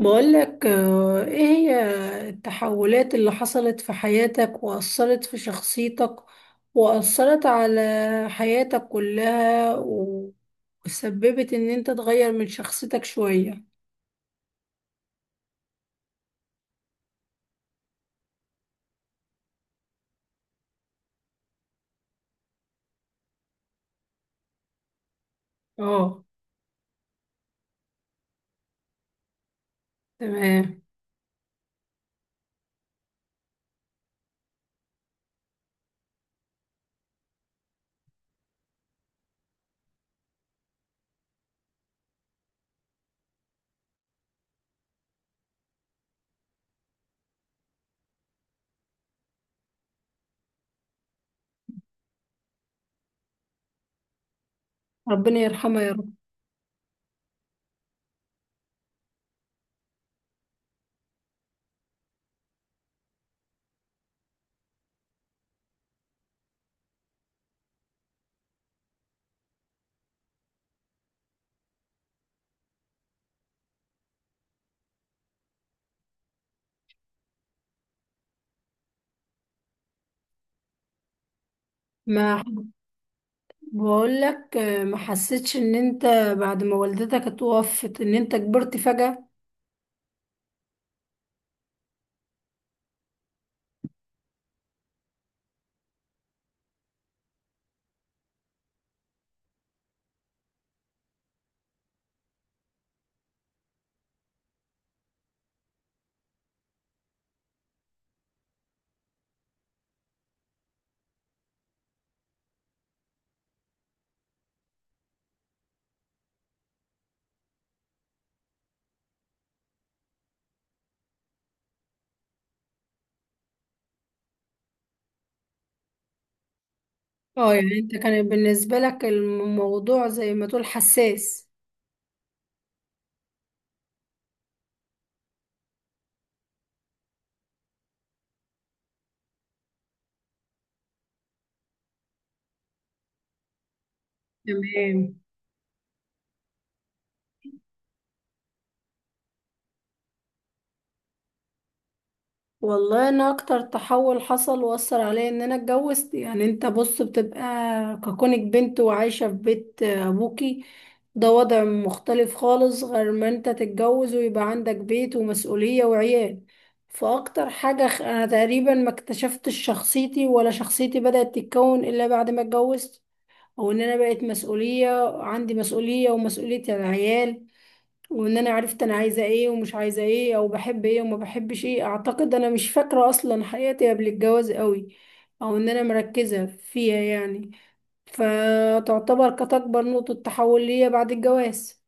بقولك ايه هي التحولات اللي حصلت في حياتك وأثرت في شخصيتك وأثرت على حياتك كلها وسببت ان انت تغير من شخصيتك شوية. اه، تمام. ربنا يرحمها يا رب. ما بقولك ما حسيتش ان انت بعد ما والدتك اتوفت ان انت كبرت فجأة؟ اه يعني انت كان بالنسبة لك الموضوع زي ما تقول حساس. تمام. والله انا اكتر تحول حصل واثر عليا ان انا اتجوزت، يعني انت بص بتبقى ككونك بنت وعايشة في بيت ابوكي، ده وضع مختلف خالص غير ما انت تتجوز ويبقى عندك بيت ومسؤولية وعيال. فاكتر حاجة انا تقريبا ما اكتشفتش شخصيتي، ولا شخصيتي بدأت تتكون الا بعد ما اتجوزت، او ان انا بقيت مسؤولية، عندي مسؤولية ومسؤولية العيال، وان انا عرفت انا عايزه ايه ومش عايزه ايه او بحب ايه وما بحبش ايه. اعتقد انا مش فاكره اصلا حياتي قبل الجواز قوي، او ان انا مركزه فيها يعني. فتعتبر كانت اكبر نقطه تحول ليا بعد الجواز.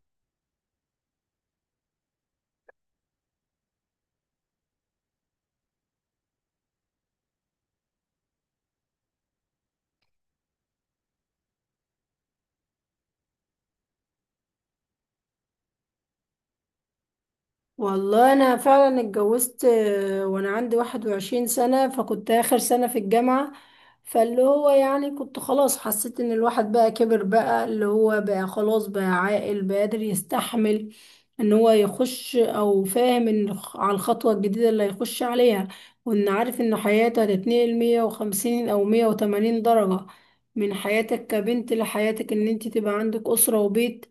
والله انا فعلا اتجوزت وانا عندي 21 سنة، فكنت اخر سنة في الجامعة. فاللي هو يعني كنت خلاص حسيت ان الواحد بقى كبر، بقى اللي هو بقى خلاص، بقى عاقل، بقى قادر يستحمل ان هو يخش، او فاهم ان على الخطوة الجديدة اللي هيخش عليها، وان عارف ان حياته هتتنقل 150 او 180 درجة من حياتك كبنت لحياتك ان انت تبقى عندك اسرة وبيت.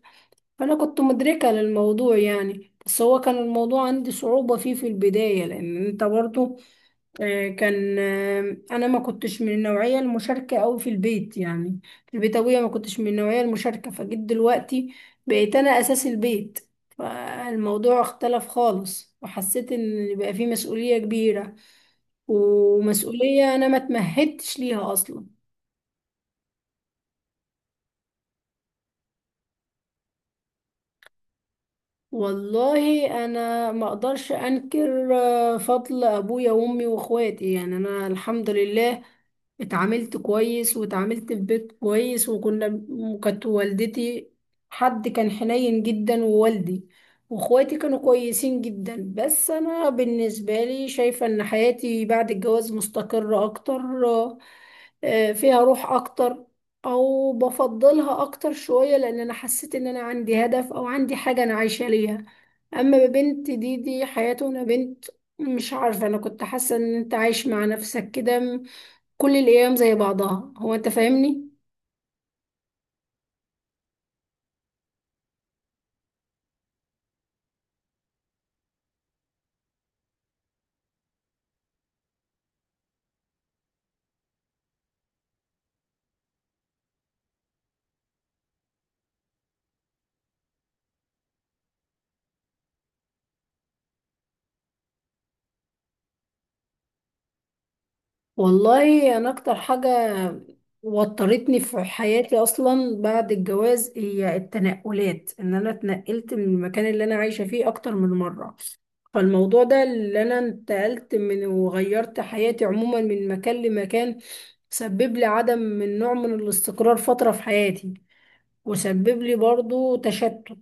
فأنا كنت مدركة للموضوع يعني، بس هو كان الموضوع عندي صعوبة فيه في البداية، لأن أنت برضو آه، كان آه، أنا ما كنتش من النوعية المشاركة أوي في البيت يعني، في البيتوية ما كنتش من النوعية المشاركة. فجيت دلوقتي بقيت أنا أساس البيت، فالموضوع اختلف خالص وحسيت إن بقى فيه مسؤولية كبيرة، ومسؤولية أنا ما اتمهدتش ليها أصلا. والله انا ما اقدرش انكر فضل ابويا وامي واخواتي، يعني انا الحمد لله اتعاملت كويس واتعاملت في بيت كويس، وكانت والدتي حد كان حنين جدا، ووالدي واخواتي كانوا كويسين جدا. بس انا بالنسبة لي شايفة ان حياتي بعد الجواز مستقرة اكتر، فيها روح اكتر، او بفضلها اكتر شوية، لان انا حسيت ان انا عندي هدف، او عندي حاجة انا عايشة ليها. اما بنت دي حياته انا بنت، مش عارفة، انا كنت حاسة ان انت عايش مع نفسك كده كل الايام زي بعضها، هو انت فاهمني. والله انا اكتر حاجة وترتني في حياتي اصلا بعد الجواز هي التنقلات، ان انا اتنقلت من المكان اللي انا عايشة فيه اكتر من مرة. فالموضوع ده اللي انا انتقلت من وغيرت حياتي عموما من مكان لمكان، سبب لي عدم، من نوع من الاستقرار فترة في حياتي، وسبب لي برضو تشتت.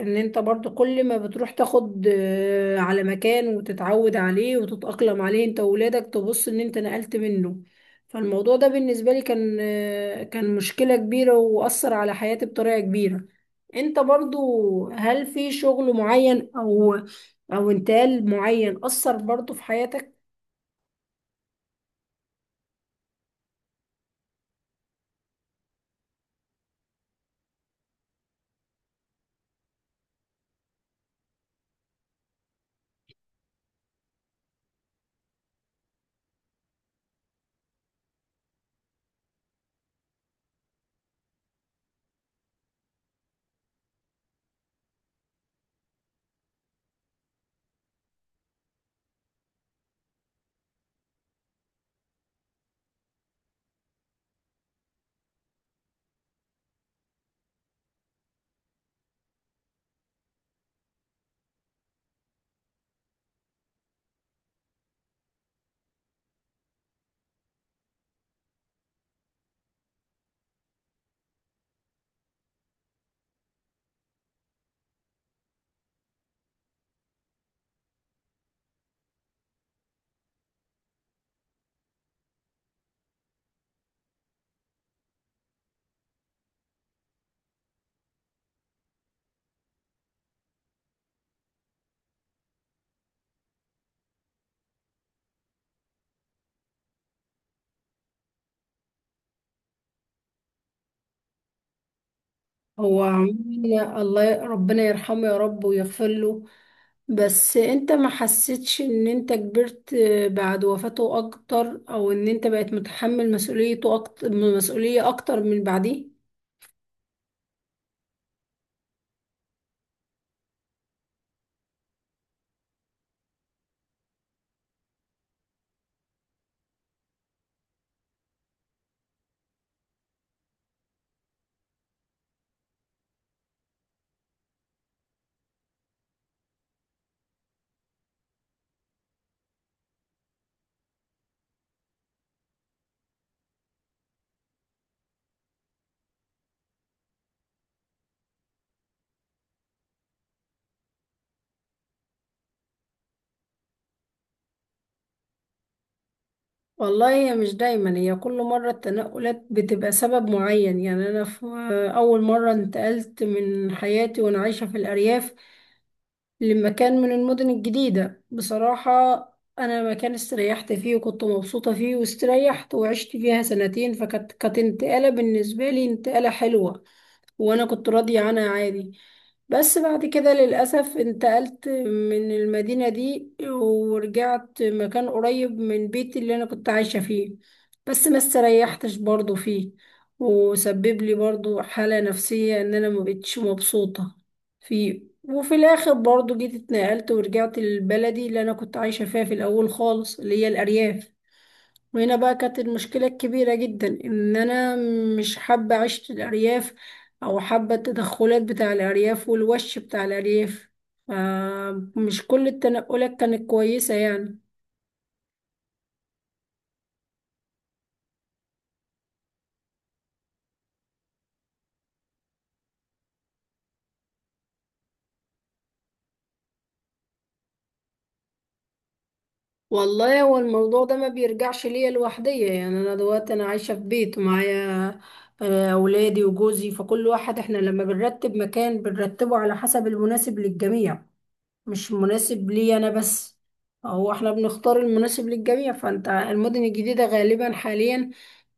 ان انت برضو كل ما بتروح تاخد على مكان وتتعود عليه وتتأقلم عليه انت وولادك، تبص ان انت نقلت منه. فالموضوع ده بالنسبة لي كان كان مشكلة كبيرة وأثر على حياتي بطريقة كبيرة. انت برضو هل في شغل معين او انتقال معين أثر برضو في حياتك؟ هو عموماً الله ربنا يرحمه يا رب ويغفر له. بس انت ما حسيتش ان انت كبرت بعد وفاته اكتر، او ان انت بقيت متحمل مسؤوليته اكتر، مسؤولية اكتر من بعديه؟ والله هي مش دايما، هي كل مرة التنقلات بتبقى سبب معين يعني. انا في اول مرة انتقلت من حياتي وانا عايشة في الارياف لمكان من المدن الجديدة، بصراحة انا مكان استريحت فيه وكنت مبسوطة فيه، واستريحت وعشت فيها سنتين، فكانت انتقالة بالنسبة لي انتقالة حلوة وانا كنت راضية عنها عادي. بس بعد كده للأسف انتقلت من المدينة دي ورجعت مكان قريب من بيتي اللي انا كنت عايشة فيه، بس ما استريحتش برضو فيه، وسبب لي برضو حالة نفسية ان انا ما بقتش مبسوطة فيه. وفي الاخر برضو جيت اتنقلت ورجعت لبلدي اللي انا كنت عايشة فيها في الاول خالص، اللي هي الارياف. وهنا بقى كانت المشكلة الكبيرة جدا، إن أنا مش حابة عيشة الأرياف، أو حابة التدخلات بتاع الأرياف والوش بتاع الأرياف. فمش كل التنقلات كانت كويسة يعني. والله هو الموضوع ده ما بيرجعش ليا لوحدية، يعني أنا دلوقتي أنا عايشة في بيت ومعايا أولادي وجوزي، فكل واحد، إحنا لما بنرتب مكان بنرتبه على حسب المناسب للجميع، مش مناسب لي انا بس. هو احنا بنختار المناسب للجميع، فانت المدن الجديدة غالبا حاليا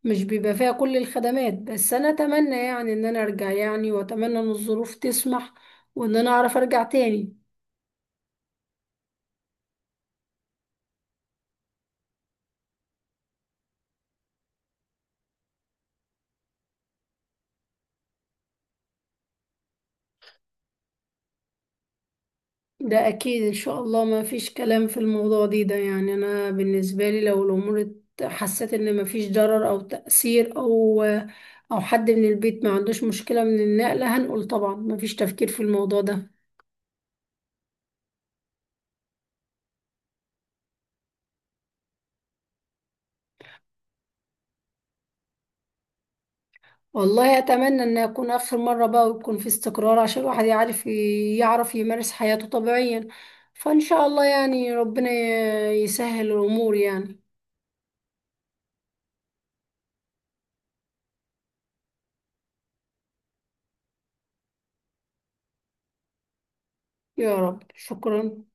مش بيبقى فيها كل الخدمات، بس انا اتمنى يعني ان انا ارجع، يعني واتمنى ان الظروف تسمح وان انا اعرف ارجع تاني. ده اكيد ان شاء الله، ما فيش كلام في الموضوع دي ده، يعني انا بالنسبة لي لو الامور حسيت ان ما فيش ضرر او تأثير، او حد من البيت ما عندوش مشكلة من النقلة، هنقول طبعا ما فيش تفكير في الموضوع ده. والله اتمنى ان يكون اخر مره بقى ويكون في استقرار، عشان الواحد يعرف، يعرف يمارس حياته طبيعيا. فان شاء الله يعني ربنا يسهل الامور يعني. يا رب، شكرا.